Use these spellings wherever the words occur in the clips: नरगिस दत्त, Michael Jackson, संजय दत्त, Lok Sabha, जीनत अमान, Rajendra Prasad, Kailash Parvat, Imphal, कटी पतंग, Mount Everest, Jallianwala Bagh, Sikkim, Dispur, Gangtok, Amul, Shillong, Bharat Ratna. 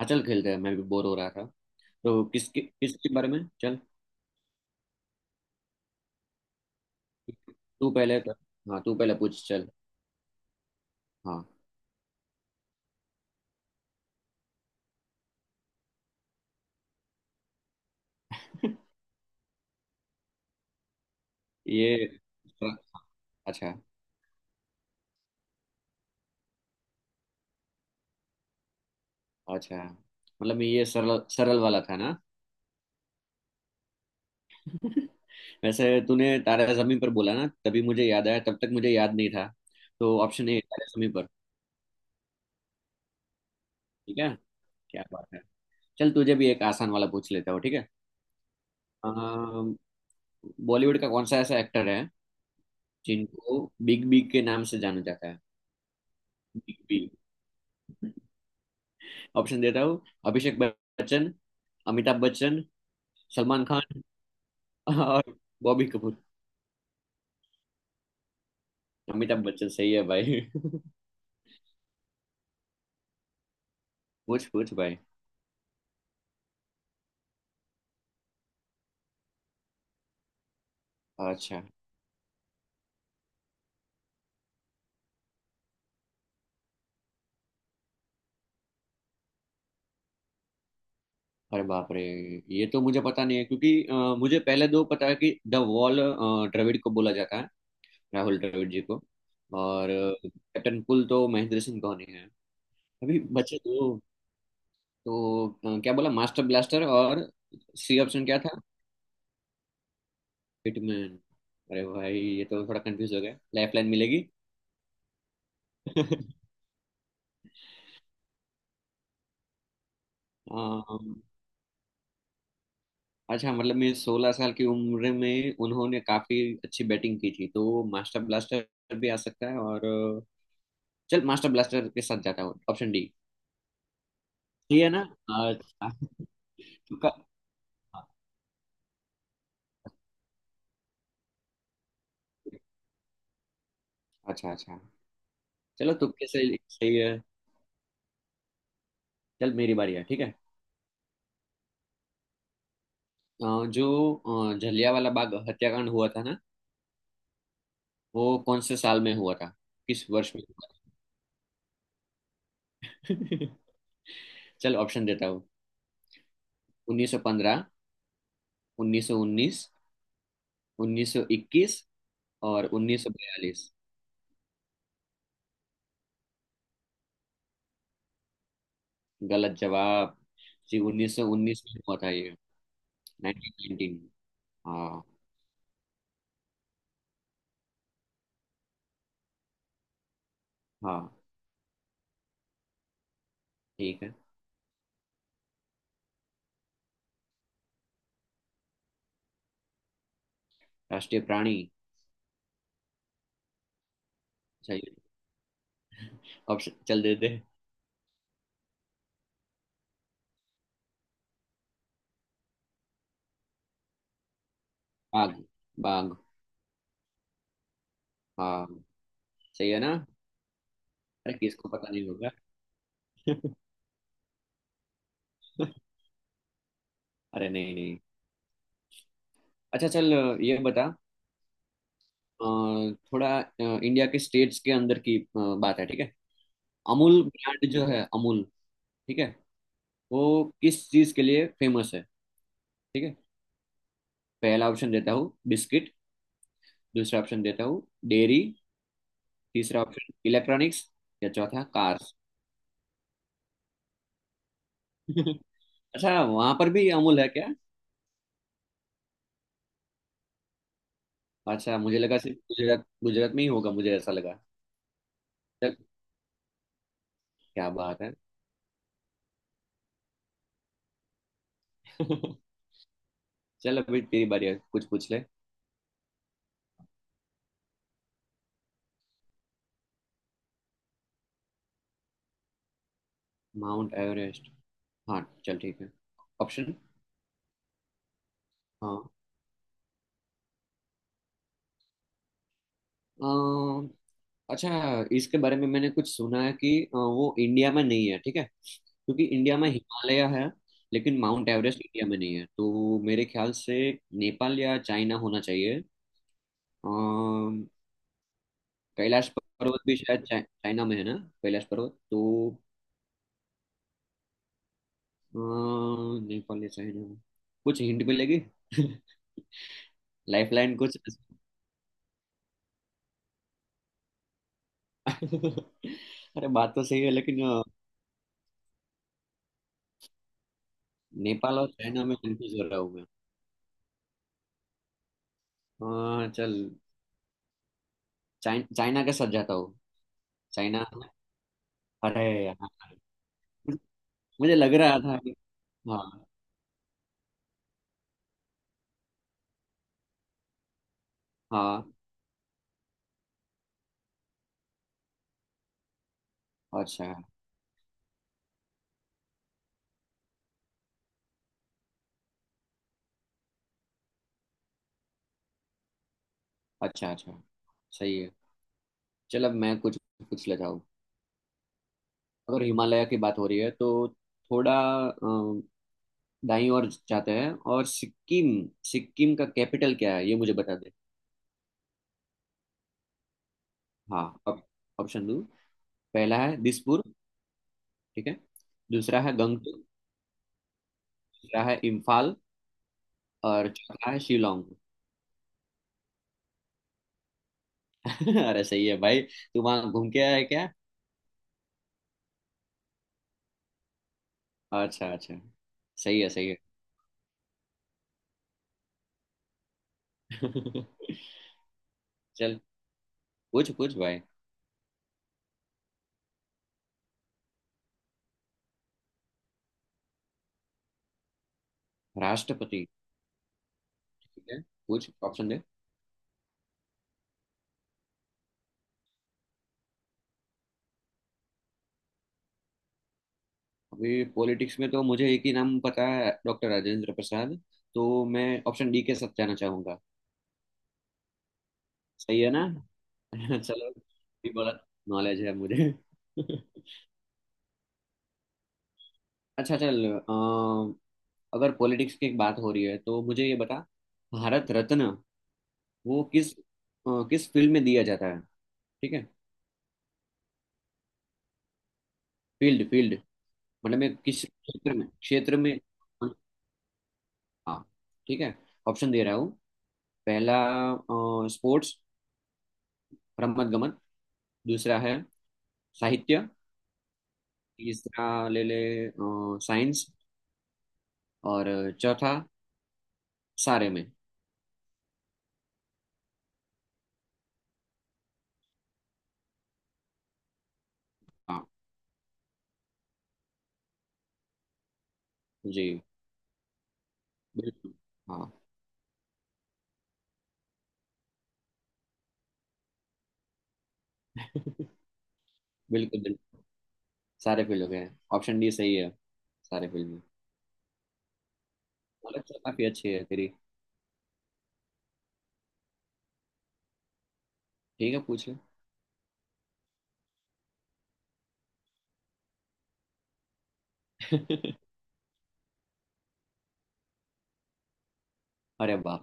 हाँ चल खेलते हैं। मैं भी बोर हो रहा था। तो किस किस के बारे में चल। तू पहले कर। हाँ तू पहले पूछ चल। हाँ ये। अच्छा। अच्छा मतलब ये सरल सरल वाला था ना। वैसे तूने तारा जमीन पर बोला ना तभी मुझे याद आया, तब तक मुझे याद नहीं था। तो ऑप्शन ए तारा जमीन पर। ठीक है। क्या बात है। चल तुझे भी एक आसान वाला पूछ लेता हूँ, ठीक है। अम, बॉलीवुड का कौन सा ऐसा एक्टर है जिनको बिग बी के नाम से जाना जाता है। Big B. ऑप्शन देता हूँ। अभिषेक बच्चन। अमिताभ बच्चन। सलमान खान। और बॉबी कपूर। अमिताभ बच्चन सही है भाई। पूछ पूछ भाई। अच्छा। अरे बाप रे, ये तो मुझे पता नहीं है क्योंकि मुझे पहले दो पता है कि द वॉल द्रविड़ को बोला जाता है। राहुल द्रविड़ जी को। और कैप्टन कुल तो महेंद्र सिंह धोनी है। अभी बचे दो। तो क्या बोला, मास्टर ब्लास्टर और सी ऑप्शन क्या था। हिटमैन। अरे भाई, ये तो थोड़ा कंफ्यूज हो गया, लाइफ लाइन मिलेगी। अम, अच्छा मतलब मैं 16 साल की उम्र में उन्होंने काफी अच्छी बैटिंग की थी तो मास्टर ब्लास्टर भी आ सकता है, और चल मास्टर ब्लास्टर के साथ जाता हूँ, ऑप्शन डी। ठीक है ना। अच्छा। तुक्का। अच्छा अच्छा। चलो तुक्के से सही है। चल मेरी बारी है, ठीक है। जो जलियांवाला बाग हत्याकांड हुआ था ना वो कौन से साल में हुआ था। किस वर्ष में हुआ था? चल ऑप्शन देता हूँ। 1915। 1919। 1921। और 1942। गलत जवाब जी, 1919 में हुआ था ये। 1919। हाँ। हाँ ठीक है। राष्ट्रीय प्राणी। सही। ऑप्शन चल देते हैं। बाघ। बाघ। हाँ सही है ना। अरे किसको पता नहीं होगा। अरे नहीं नहीं। अच्छा चल ये बता। अ, थोड़ा इंडिया के स्टेट्स के अंदर की बात है, ठीक है। अमूल ब्रांड जो है, अमूल, ठीक है, वो किस चीज के लिए फेमस है, ठीक है। पहला ऑप्शन देता हूँ बिस्किट। दूसरा ऑप्शन देता हूँ डेयरी। तीसरा ऑप्शन इलेक्ट्रॉनिक्स। या चौथा कार्स। अच्छा वहां पर भी अमूल है क्या। अच्छा मुझे लगा सिर्फ गुजरात गुजरात में ही होगा, मुझे ऐसा लगा। चल क्या बात है। चल अभी तेरी बारी है, कुछ पूछ ले। Mount Everest. हाँ चल ठीक है। ऑप्शन। हाँ। अच्छा, इसके बारे में मैंने कुछ सुना है कि वो इंडिया में नहीं है, ठीक है, क्योंकि इंडिया में हिमालय है। लेकिन माउंट एवरेस्ट इंडिया में नहीं है, तो मेरे ख्याल से नेपाल या चाइना होना चाहिए। अम, कैलाश पर्वत भी शायद चाइना में है ना। कैलाश पर्वत तो। नेपाल या चाइना। कुछ हिंट मिलेगी। लाइफलाइन कुछ। अरे बात तो सही है, लेकिन नेपाल और चाइना में कंफ्यूज हो रहा हूँ मैं। चल चाइना के साथ जाता हूँ। चाइना में। अरे। हाँ मुझे लग रहा था कि। हाँ। हाँ अच्छा। अच्छा अच्छा। सही है। चल अब मैं कुछ पूछ लेता हूँ। अगर हिमालय की बात हो रही है तो थोड़ा अ, दाईं ओर जाते हैं और सिक्किम, सिक्किम का कैपिटल क्या है ये मुझे बता दे। हाँ ऑप्शन दो। पहला है दिसपुर। ठीक है। दूसरा है गंगटोक। तीसरा है इम्फाल। और चौथा है शिलोंग। अरे सही है भाई, तू वहां घूम के आया है क्या। अच्छा अच्छा। सही है सही है। चल पूछ पूछ भाई। राष्ट्रपति। ठीक है। पूछ ऑप्शन दे। अभी पॉलिटिक्स में तो मुझे एक ही नाम पता है, डॉक्टर राजेंद्र प्रसाद। तो मैं ऑप्शन डी के साथ जाना चाहूंगा। सही है ना। चलो भी बहुत नॉलेज है मुझे। अच्छा चल अगर पॉलिटिक्स की एक बात हो रही है तो मुझे ये बता। भारत रत्न वो किस किस फील्ड में दिया जाता है, ठीक है। Field field. मतलब मैं किस क्षेत्र में, क्षेत्र में। हाँ। ठीक है। ऑप्शन दे रहा हूँ। पहला स्पोर्ट्स रमत गमन। दूसरा है साहित्य। तीसरा ले ले साइंस। और चौथा सारे में। हाँ। जी बिल्कुल। हाँ। बिल्कुल बिल्कुल। सारे फील्ड हो गए, ऑप्शन डी सही है। सारे फील्ड में। नॉलेज तो काफी अच्छी है तेरी। ठीक है, पूछ ले। अरे वाह।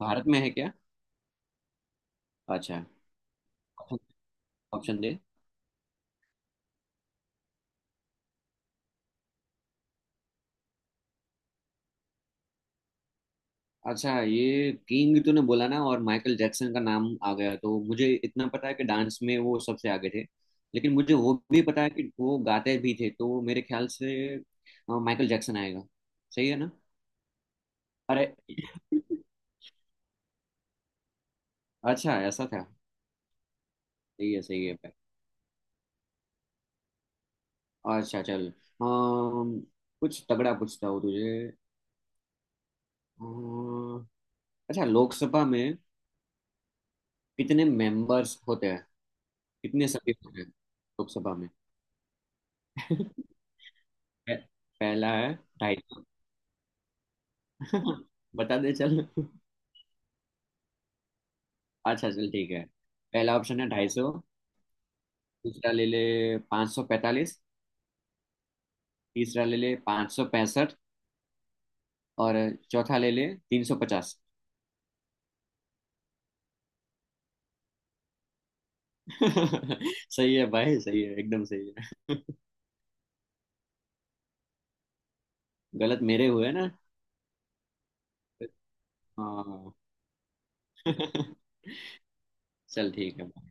भारत में है क्या। अच्छा। ऑप्शन दे। अच्छा, ये किंग तूने बोला ना और माइकल जैक्सन का नाम आ गया तो मुझे इतना पता है कि डांस में वो सबसे आगे थे। लेकिन मुझे वो भी पता है कि वो गाते भी थे, तो मेरे ख्याल से माइकल जैक्सन आएगा। सही है ना। अरे। अच्छा ऐसा था। सही है सही है। अच्छा चल कुछ तगड़ा पूछता हूँ तुझे। अम, अच्छा, लोकसभा में कितने मेंबर्स होते हैं। कितने सदस्य होते हैं लोकसभा में। पह- पहला है 250। बता दे चल। अच्छा चल ठीक है। पहला ऑप्शन है 250। दूसरा ले ले 545। तीसरा ले ले 565। और चौथा ले ले 350। सही है भाई, सही है, एकदम सही है। गलत मेरे हुए ना। हाँ। चल ठीक है।